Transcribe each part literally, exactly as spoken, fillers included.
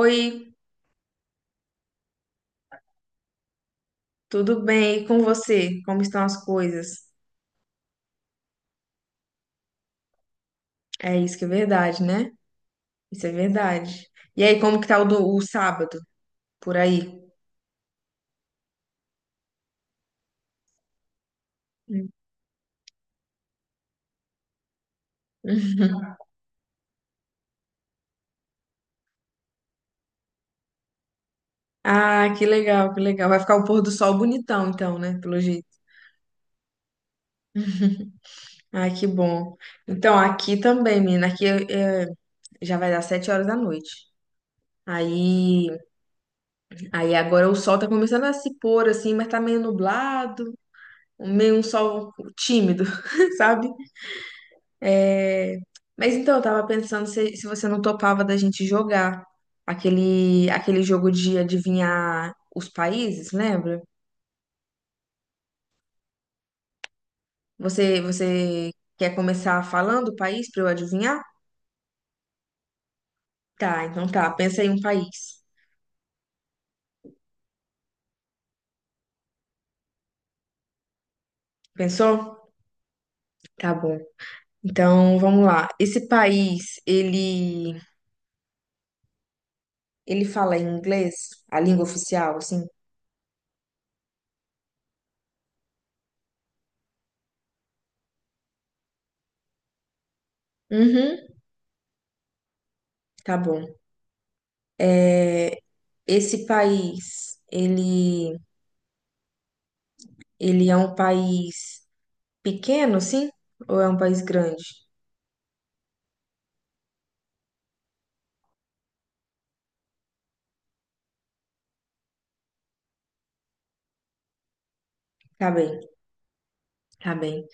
Oi, tudo bem? E com você? Como estão as coisas? É isso que é verdade, né? Isso é verdade. E aí, como que tá o, do, o sábado por aí? Hum. Ah, que legal, que legal. Vai ficar o pôr do sol bonitão, então, né? Pelo jeito. Ah, que bom. Então, aqui também, menina. Aqui é, é, já vai dar sete horas da noite. Aí, aí agora o sol tá começando a se pôr assim, mas tá meio nublado, meio um sol tímido, sabe? É, mas então, eu tava pensando se, se você não topava da gente jogar aquele, aquele jogo de adivinhar os países, lembra? Você, você quer começar falando o país pra eu adivinhar? Tá, então tá. Pensa em um país. Pensou? Tá bom. Então, vamos lá. Esse país, ele, ele fala em inglês, a língua oficial, assim? Uhum, tá bom. É, esse país, ele, ele é um país pequeno, sim? Ou é um país grande? Tá bem, tá bem.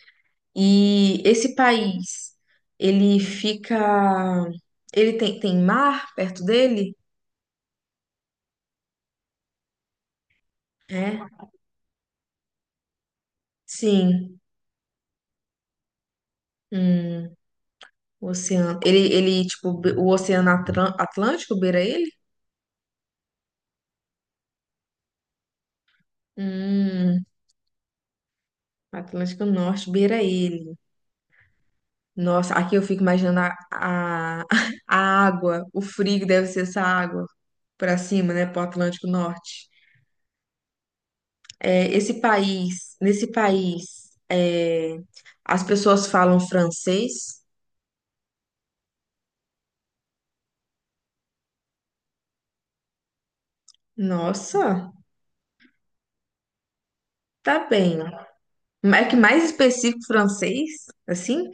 E esse país, ele fica. Ele tem, tem mar perto dele? É? Sim. Hum, o oceano. Ele, ele, tipo, be- o Oceano Atlân- Atlântico beira ele? Hum, Atlântico Norte beira ele. Nossa, aqui eu fico imaginando a, a, a água, o frio que deve ser essa água pra cima, né? Pro Atlântico Norte. É, esse país, nesse país, é, as pessoas falam francês? Nossa, tá bem. É que mais específico francês? Assim?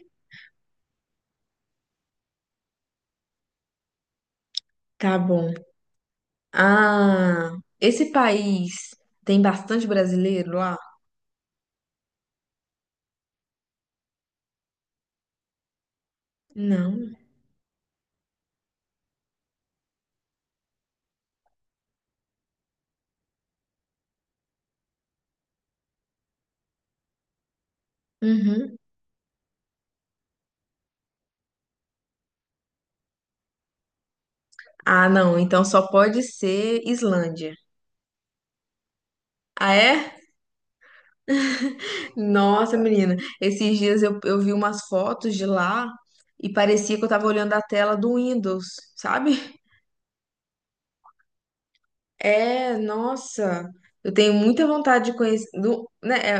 Tá bom. Ah, esse país tem bastante brasileiro lá? Não. Uhum. Ah, não. Então só pode ser Islândia. Ah, é? Nossa, menina. Esses dias eu, eu vi umas fotos de lá e parecia que eu tava olhando a tela do Windows, sabe? É, nossa, eu tenho muita vontade de conhecer, do, né, é,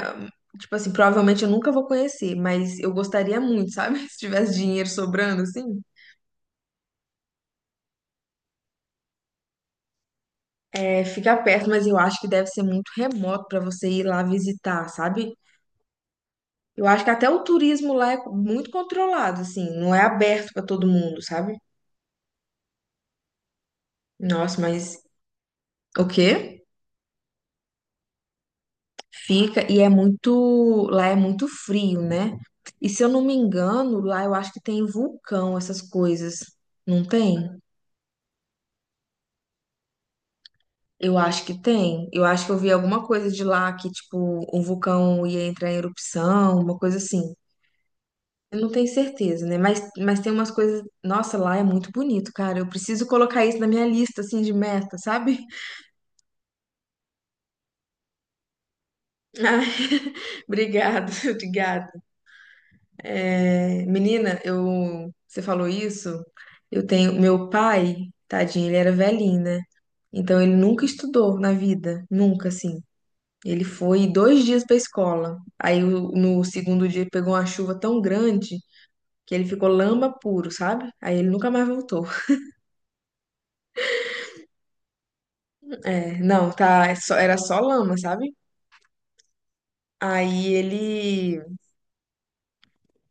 tipo assim, provavelmente eu nunca vou conhecer, mas eu gostaria muito, sabe? Se tivesse dinheiro sobrando, assim. É, fica perto, mas eu acho que deve ser muito remoto pra você ir lá visitar, sabe? Eu acho que até o turismo lá é muito controlado, assim, não é aberto pra todo mundo, sabe? Nossa, mas o quê? Fica, e é muito, lá é muito frio, né? E se eu não me engano, lá eu acho que tem vulcão, essas coisas. Não tem? Eu acho que tem. Eu acho que eu vi alguma coisa de lá que, tipo, um vulcão ia entrar em erupção, uma coisa assim. Eu não tenho certeza, né? Mas, mas tem umas coisas. Nossa, lá é muito bonito, cara. Eu preciso colocar isso na minha lista, assim, de meta, sabe? Ai, obrigado, obrigada. É, menina, eu, você falou isso, eu tenho, meu pai, tadinho, ele era velhinho, né? Então ele nunca estudou na vida, nunca, assim. Ele foi dois dias pra escola. Aí o- no segundo dia pegou uma chuva tão grande que ele ficou lama puro, sabe? Aí ele nunca mais voltou. É, não, tá, é só- era só lama, sabe? Aí ele,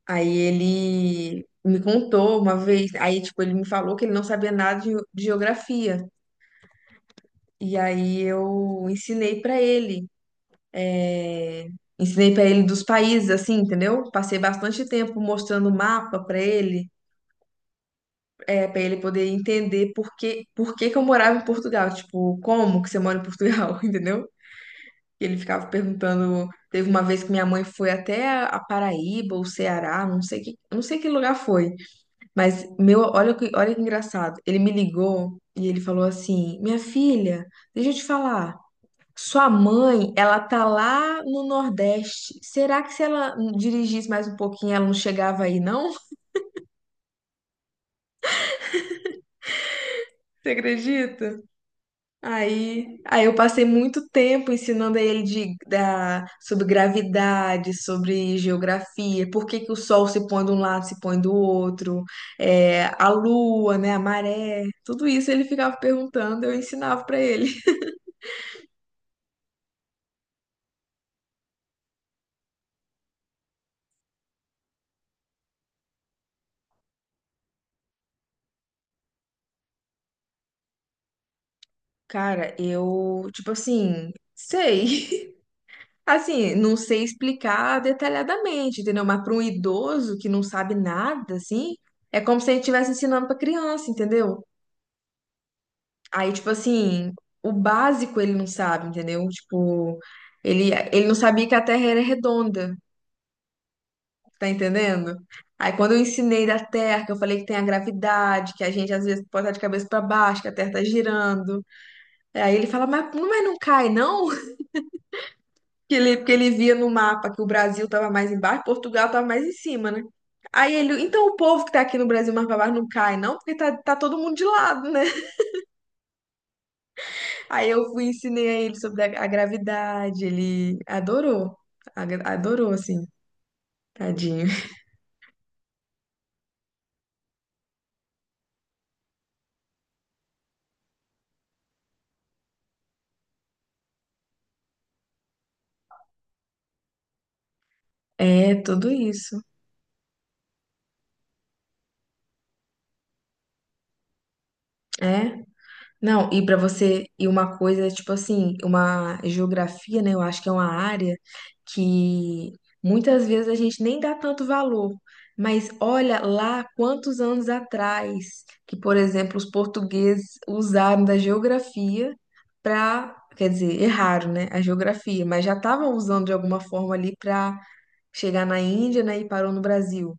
aí ele me contou uma vez, aí tipo ele me falou que ele não sabia nada de de geografia. E aí eu ensinei pra ele, é, ensinei pra ele dos países, assim, entendeu? Passei bastante tempo mostrando o mapa pra ele, é, para ele poder entender por que, por que que eu morava em Portugal, tipo, como que você mora em Portugal, entendeu? E ele ficava perguntando. Teve uma vez que minha mãe foi até a a Paraíba ou Ceará, não sei que, não sei que lugar foi, mas meu, olha que, olha que engraçado. Ele me ligou e ele falou assim: "Minha filha, deixa eu te falar. Sua mãe, ela tá lá no Nordeste. Será que se ela dirigisse mais um pouquinho, ela não chegava aí, não? Você acredita? Aí, aí eu passei muito tempo ensinando a ele de, da, sobre gravidade, sobre geografia, por que que o sol se põe de um lado, se põe do outro, é, a lua, né, a maré. Tudo isso ele ficava perguntando, eu ensinava pra ele. Cara, eu, tipo assim, sei. Assim, não sei explicar detalhadamente, entendeu? Mas para um idoso que não sabe nada, assim, é como se a gente estivesse ensinando para criança, entendeu? Aí, tipo assim, o básico ele não sabe, entendeu? Tipo, ele, ele não sabia que a Terra era redonda, tá entendendo? Aí, quando eu ensinei da Terra, que eu falei que tem a gravidade, que a gente às vezes pode estar de cabeça para baixo, que a Terra tá girando. Aí ele fala, mas, mas não cai, não? Que ele, porque ele via no mapa que o Brasil estava mais embaixo, Portugal estava mais em cima, né? Aí ele, então o povo que tá aqui no Brasil mais pra baixo não cai, não, porque tá, tá todo mundo de lado, né? Aí eu fui e ensinei a ele sobre a, a gravidade, ele adorou, Agra- adorou, assim, tadinho. É, tudo isso. É. Não, e para você, e uma coisa, tipo assim, uma geografia, né? Eu acho que é uma área que muitas vezes a gente nem dá tanto valor. Mas olha lá quantos anos atrás que, por exemplo, os portugueses usaram da geografia para, quer dizer, erraram, né, a geografia, mas já estavam usando de alguma forma ali para chegar na Índia, né, e parou no Brasil.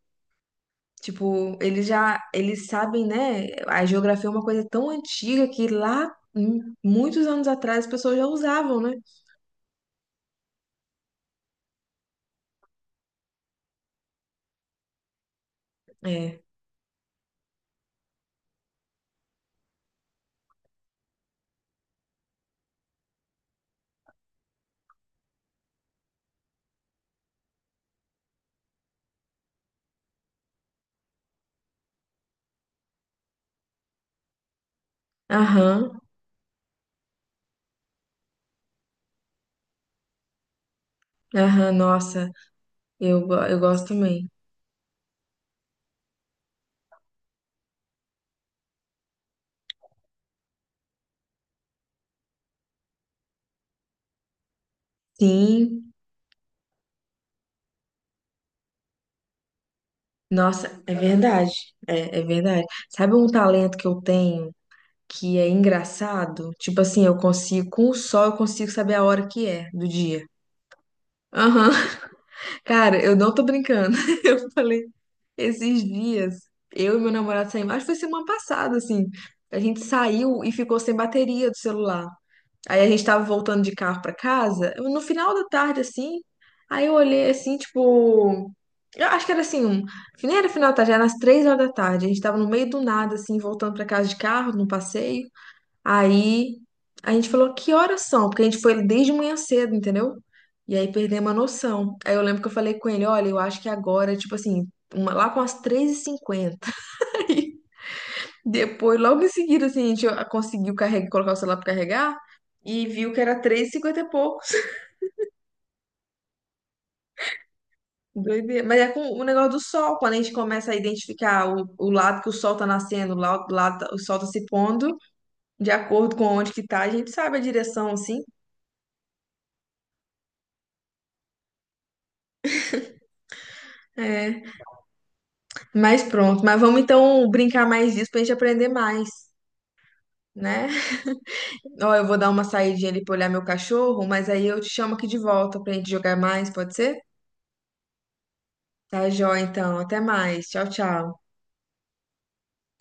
Tipo, eles já, eles sabem, né? A geografia é uma coisa tão antiga que lá, hum, muitos anos atrás, as pessoas já usavam, né? É. Aham, aham, nossa, eu, go- eu gosto também. Sim, nossa, é verdade. É, é verdade. Sabe um talento que eu tenho que é engraçado? Tipo assim, eu consigo, com o sol, eu consigo saber a hora que é do dia. Aham, cara, eu não tô brincando. Eu falei. Esses dias, eu e meu namorado saímos, acho que foi semana passada, assim. A gente saiu e ficou sem bateria do celular. Aí a gente tava voltando de carro pra casa, no final da tarde, assim. Aí eu olhei assim, tipo. Eu acho que era assim, um, nem era final da tarde, era às três horas da tarde. A gente tava no meio do nada, assim, voltando pra casa de carro, num passeio. Aí a gente falou, que horas são? Porque a gente foi desde manhã cedo, entendeu? E aí perdemos a noção. Aí eu lembro que eu falei com ele, olha, eu acho que agora, tipo assim, uma- lá com as três e cinquenta. Aí depois, logo em seguida, assim, a gente conseguiu carregar, colocar o celular pra carregar e viu que era três e cinquenta e poucos. Doideira. Mas é com o negócio do sol, quando a gente começa a identificar o, o lado que o sol tá nascendo, o lado, o lado- tá- o sol tá se pondo, de acordo com onde que tá, a gente sabe a direção, assim. É, mas pronto, mas vamos então brincar mais disso pra gente aprender mais, né? Ó, eu vou dar uma saidinha ali pra olhar meu cachorro, mas aí eu te chamo aqui de volta pra gente jogar mais, pode ser? Tá, joia, então. Até mais. Tchau, tchau.